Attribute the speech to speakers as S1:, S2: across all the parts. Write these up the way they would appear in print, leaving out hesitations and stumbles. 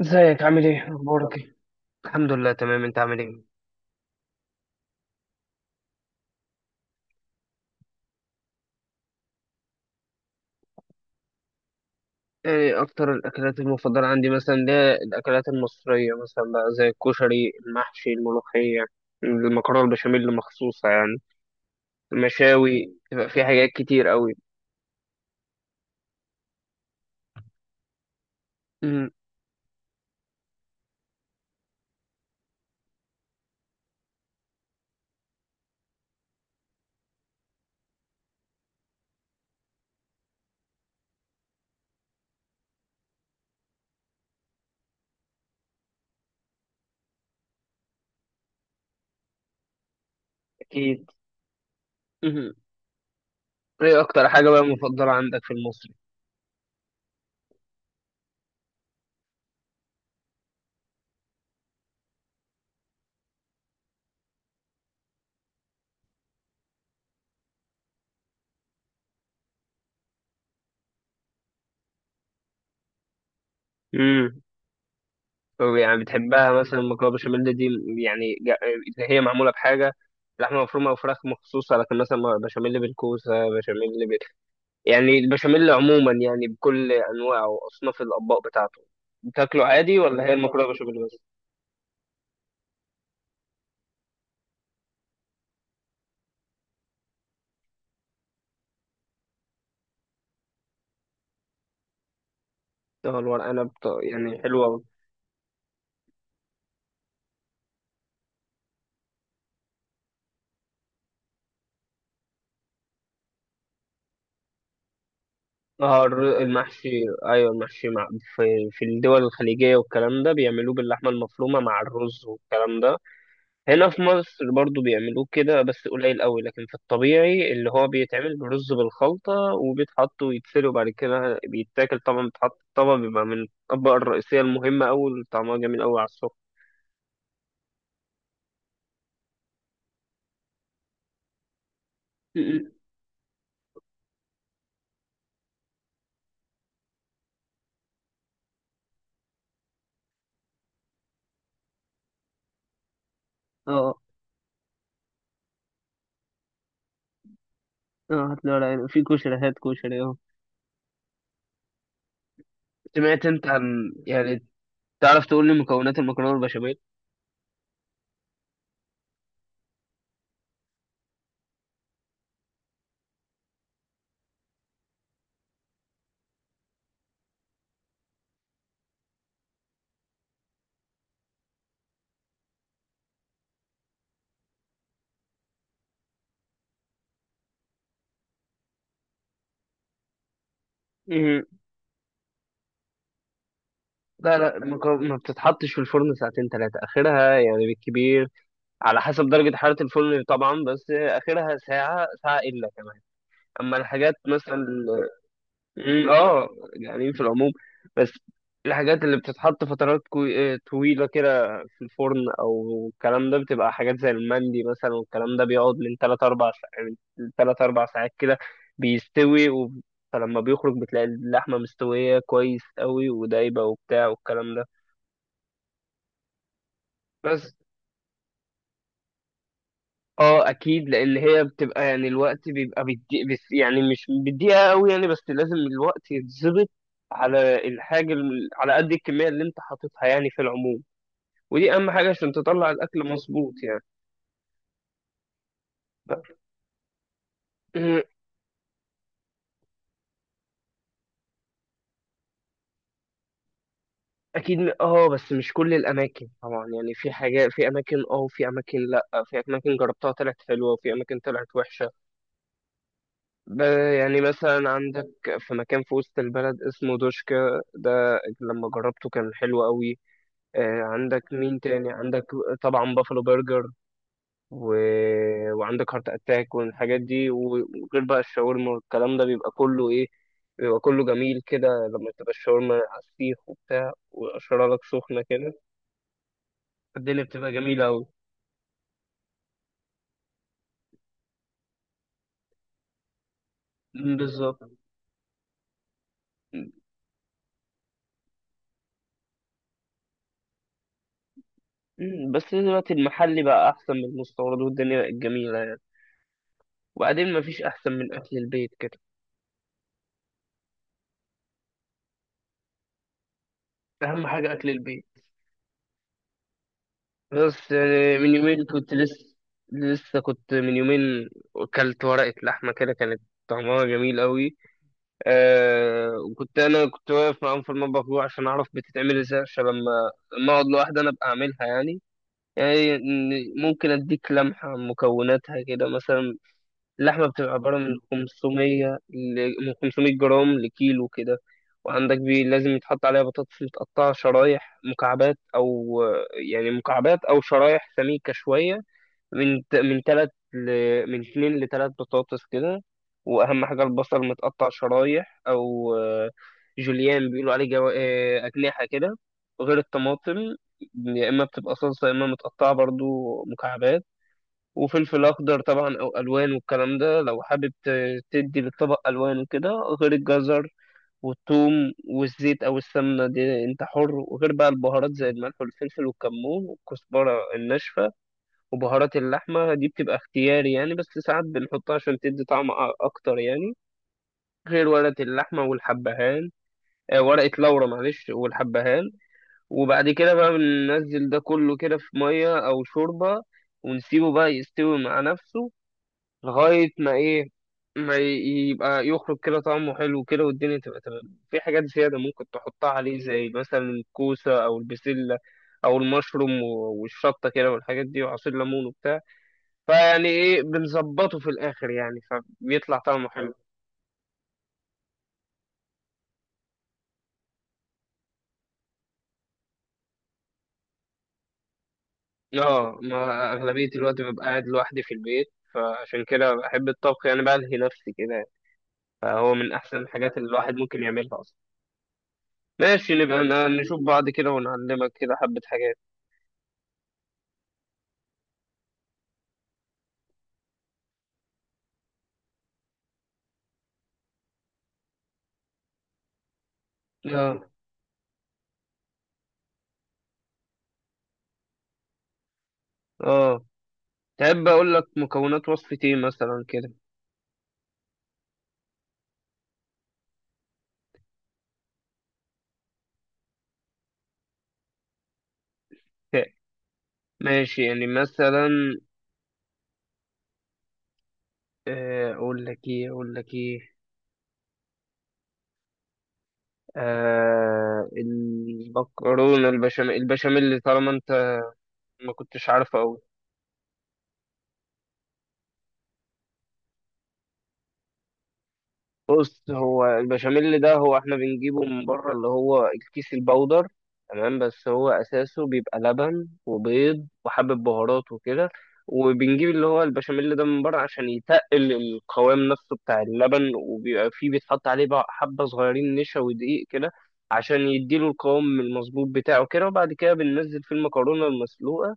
S1: ازيك؟ عامل ايه؟ اخبارك ايه؟ الحمد لله تمام. انت عامل ايه؟ ايه اكتر الاكلات المفضله عندي مثلا؟ اللي هي الاكلات المصريه مثلا بقى زي الكشري، المحشي، الملوخيه، المكرونه البشاميل مخصوصه يعني، المشاوي. يبقى في حاجات كتير قوي. امم اكيد. امم ايه اكتر حاجه بقى مفضله عندك في المصري؟ امم طب يعني بتحبها مثلا المكرونه البشاميل دي؟ يعني اللي هي معموله بحاجه لحمه مفرومه او فراخ مخصوصه، لكن مثلا بشاميل بالكوسه، بشاميل، يعني البشاميل عموما يعني بكل انواعه واصناف الاطباق بتاعته. بتاكله عادي ولا هي المكرونه بشاميل بس؟ اه الورق عنب يعني حلوه أوي. اه المحشي، ايوه المحشي مع، في الدول الخليجيه والكلام ده بيعملوه باللحمه المفرومه مع الرز والكلام ده. هنا في مصر برضو بيعملوه كده بس قليل قوي، لكن في الطبيعي اللي هو بيتعمل برز بالخلطه وبيتحط ويتسلق وبعد كده بيتاكل. طبعا بيتحط في طبق بيبقى من الاطباق الرئيسيه المهمه قوي، طعمها جميل قوي على السكر. م- م. اه. اه هات لي ورق عنب، في كشري، هات كشري اه. سمعت انت عن يعني، تعرف تقول لي مكونات المكرونه البشاميل؟ مم. لا لا، المكرونه ما بتتحطش في الفرن ساعتين ثلاثه، اخرها يعني بالكبير على حسب درجه حراره الفرن طبعا، بس اخرها ساعه ساعه الا كمان. اما الحاجات مثلا، اه جعانين في العموم، بس الحاجات اللي بتتحط فترات كوي... آه، طويلة كده في الفرن أو الكلام ده بتبقى حاجات زي المندي مثلا، والكلام ده بيقعد من تلات أربع ساعات، من تلات أربع ساعات كده، بيستوي و... فلما بيخرج بتلاقي اللحمة مستوية كويس قوي ودايبة وبتاع والكلام ده. بس اه اكيد، لان هي بتبقى يعني الوقت بيبقى بدي، بس يعني مش بدقيقه قوي يعني، بس لازم الوقت يتظبط على على قد الكميه اللي انت حاططها يعني في العموم. ودي اهم حاجه عشان تطلع الاكل مظبوط يعني. ب- اكيد. اه، بس مش كل الاماكن طبعا يعني، في حاجات في اماكن اه، وفي اماكن لا، في اماكن جربتها طلعت حلوه وفي اماكن طلعت وحشه. ب- يعني مثلا عندك في مكان في وسط البلد اسمه دوشكا، ده لما جربته كان حلو قوي. عندك مين تاني؟ عندك طبعا بافلو برجر، و... وعندك هارت اتاك والحاجات دي، وغير بقى الشاورما والكلام ده بيبقى كله ايه، بيبقى كله جميل كده لما تبقى الشاورما على السيخ وبتاع وقشرها لك سخنة كده. الدنيا بتبقى جميلة أوي. أمم، بالظبط. أمم، بس دلوقتي المحلي بقى أحسن من المستورد، والدنيا بقت جميلة يعني. وبعدين مفيش أحسن من أكل البيت كده. أهم حاجة أكل البيت. بس يعني من يومين كنت لسه، لسه كنت من يومين اكلت ورقة لحمة كده، كانت طعمها جميل قوي. أه، وكنت انا كنت واقف معاهم في المطبخ جوه عشان اعرف بتتعمل ازاي، عشان لما، لما اقعد لوحدي انا ابقى اعملها يعني. يعني ممكن اديك لمحة عن مكوناتها كده مثلا. اللحمة بتبقى عبارة من 500 ل... من 500 جرام لكيلو كده. وعندك بي لازم يتحط عليها بطاطس متقطعة شرايح مكعبات أو يعني مكعبات أو شرايح سميكة شوية، من من تلات ل... من اتنين لتلات بطاطس كده. وأهم حاجة البصل متقطع شرايح أو جوليان بيقولوا عليه جو... آه، أجنحة كده. غير الطماطم، يا إما بتبقى صلصة يا إما متقطعة برضو مكعبات. وفلفل اخضر طبعا او الوان والكلام ده لو حابب تدي للطبق الوان وكده. غير الجزر والثوم، والزيت او السمنه دي انت حر. وغير بقى البهارات زي الملح والفلفل والكمون والكزبره الناشفه. وبهارات اللحمه دي بتبقى اختياري يعني، بس ساعات بنحطها عشان تدي طعم اكتر يعني. غير ورقه اللحمه والحبهان، ورقه لورا معلش، والحبهان. وبعد كده بقى بننزل ده كله كده في ميه او شوربه، ونسيبه بقى يستوي مع نفسه لغاية ما إيه، ما ي- يبقى يخرج كده طعمه حلو كده، والدنيا تبقى تمام. في حاجات زيادة ممكن تحطها عليه زي مثلا الكوسة أو البسلة أو المشروم والشطة كده والحاجات دي، وعصير ليمون وبتاع، فيعني إيه بنظبطه في الآخر يعني، فبيطلع طعمه حلو. آه، ما أغلبية الوقت ببقى قاعد لوحدي في البيت، فعشان كده بحب الطبخ يعني، بلهي نفسي كده، فهو من أحسن الحاجات اللي الواحد ممكن يعملها أصلا. ماشي، نبقى نشوف بعض كده ونعلمك كده حبة حاجات. آه. اه تحب اقول لك مكونات وصفة ايه مثلا كده؟ ماشي، يعني مثلا، اقول لك ايه، اقول لك ايه، آه المكرونة البشاميل، البشاميل طالما انت ما كنتش عارفه. بص، هو البشاميل ده هو احنا بنجيبه من بره، اللي هو الكيس البودر تمام، بس هو اساسه بيبقى لبن وبيض وحبة بهارات وكده. وبنجيب اللي هو البشاميل ده من بره عشان يتقل القوام نفسه بتاع اللبن، وبيبقى فيه بيتحط عليه بقى حبة صغيرين نشا ودقيق كده عشان يديله القوام المظبوط بتاعه كده. وبعد كده بننزل فيه المكرونة المسلوقة.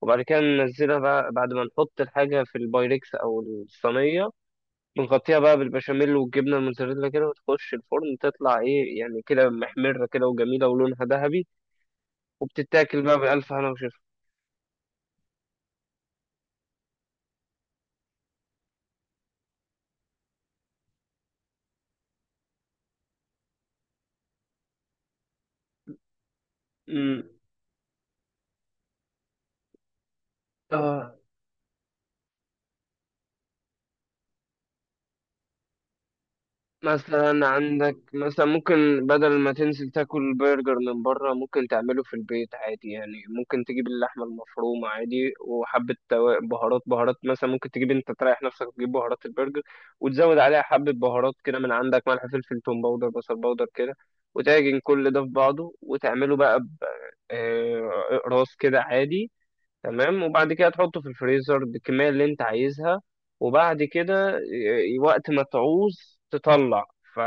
S1: وبعد كده ننزلها بقى بعد ما نحط الحاجة في البايركس أو الصينية، بنغطيها بقى بالبشاميل والجبنة الموتزاريلا كده، وتخش الفرن تطلع ايه يعني كده محمرة كده وجميلة ولونها ذهبي. وبتتاكل بقى بألف هنا وشفا. امم اه مثلا عندك، مثلا ممكن بدل ما تنزل تاكل برجر من بره ممكن تعمله في البيت عادي يعني. ممكن تجيب اللحمة المفرومة عادي وحبة بهارات، مثلا ممكن تجيب انت تريح نفسك تجيب بهارات البرجر، وتزود عليها حبة بهارات كده من عندك، ملح، فلفل، توم باودر، بصل باودر كده، وتعجن كل ده في بعضه وتعمله بقى راس كده عادي تمام. وبعد كده تحطه في الفريزر بالكمية اللي انت عايزها. وبعد كده وقت ما تعوز تطلع، ف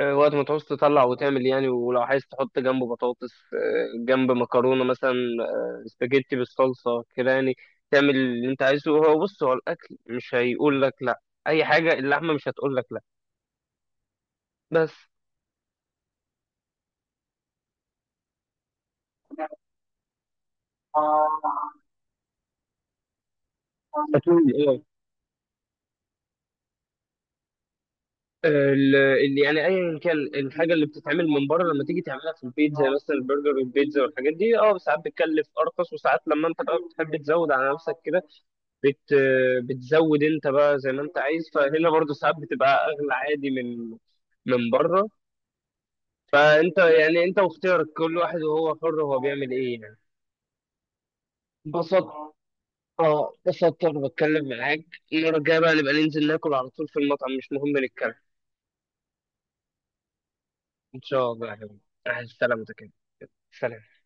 S1: آه، وقت ما تعوز تطلع وتعمل يعني. ولو عايز تحط جنبه بطاطس، جنب مكرونة مثلا، سباجيتي بالصلصة كده يعني، تعمل اللي انت عايزه. هو بص هو الأكل مش هيقول لك لأ، أي حاجة اللحمة مش هتقول لك لأ. بس أكيد، اللي يعني ايا كان الحاجه اللي بتتعمل من بره لما تيجي تعملها في البيت زي مثلا البرجر والبيتزا والحاجات دي، اه ساعات بتكلف ارخص، وساعات لما انت بقى بتحب تزود على نفسك كده بت بتزود انت بقى زي ما انت عايز، فهنا برضو ساعات بتبقى اغلى عادي من، من بره. فانت يعني انت واختيارك، كل واحد وهو حر هو بيعمل ايه يعني. انبسطت، اه انبسطت وانا بتكلم معاك. المره الجايه بقى نبقى ننزل ناكل على طول في المطعم، مش مهم نتكلم. ان شاء الله يا حبيبي. مع السلامه كده، سلام.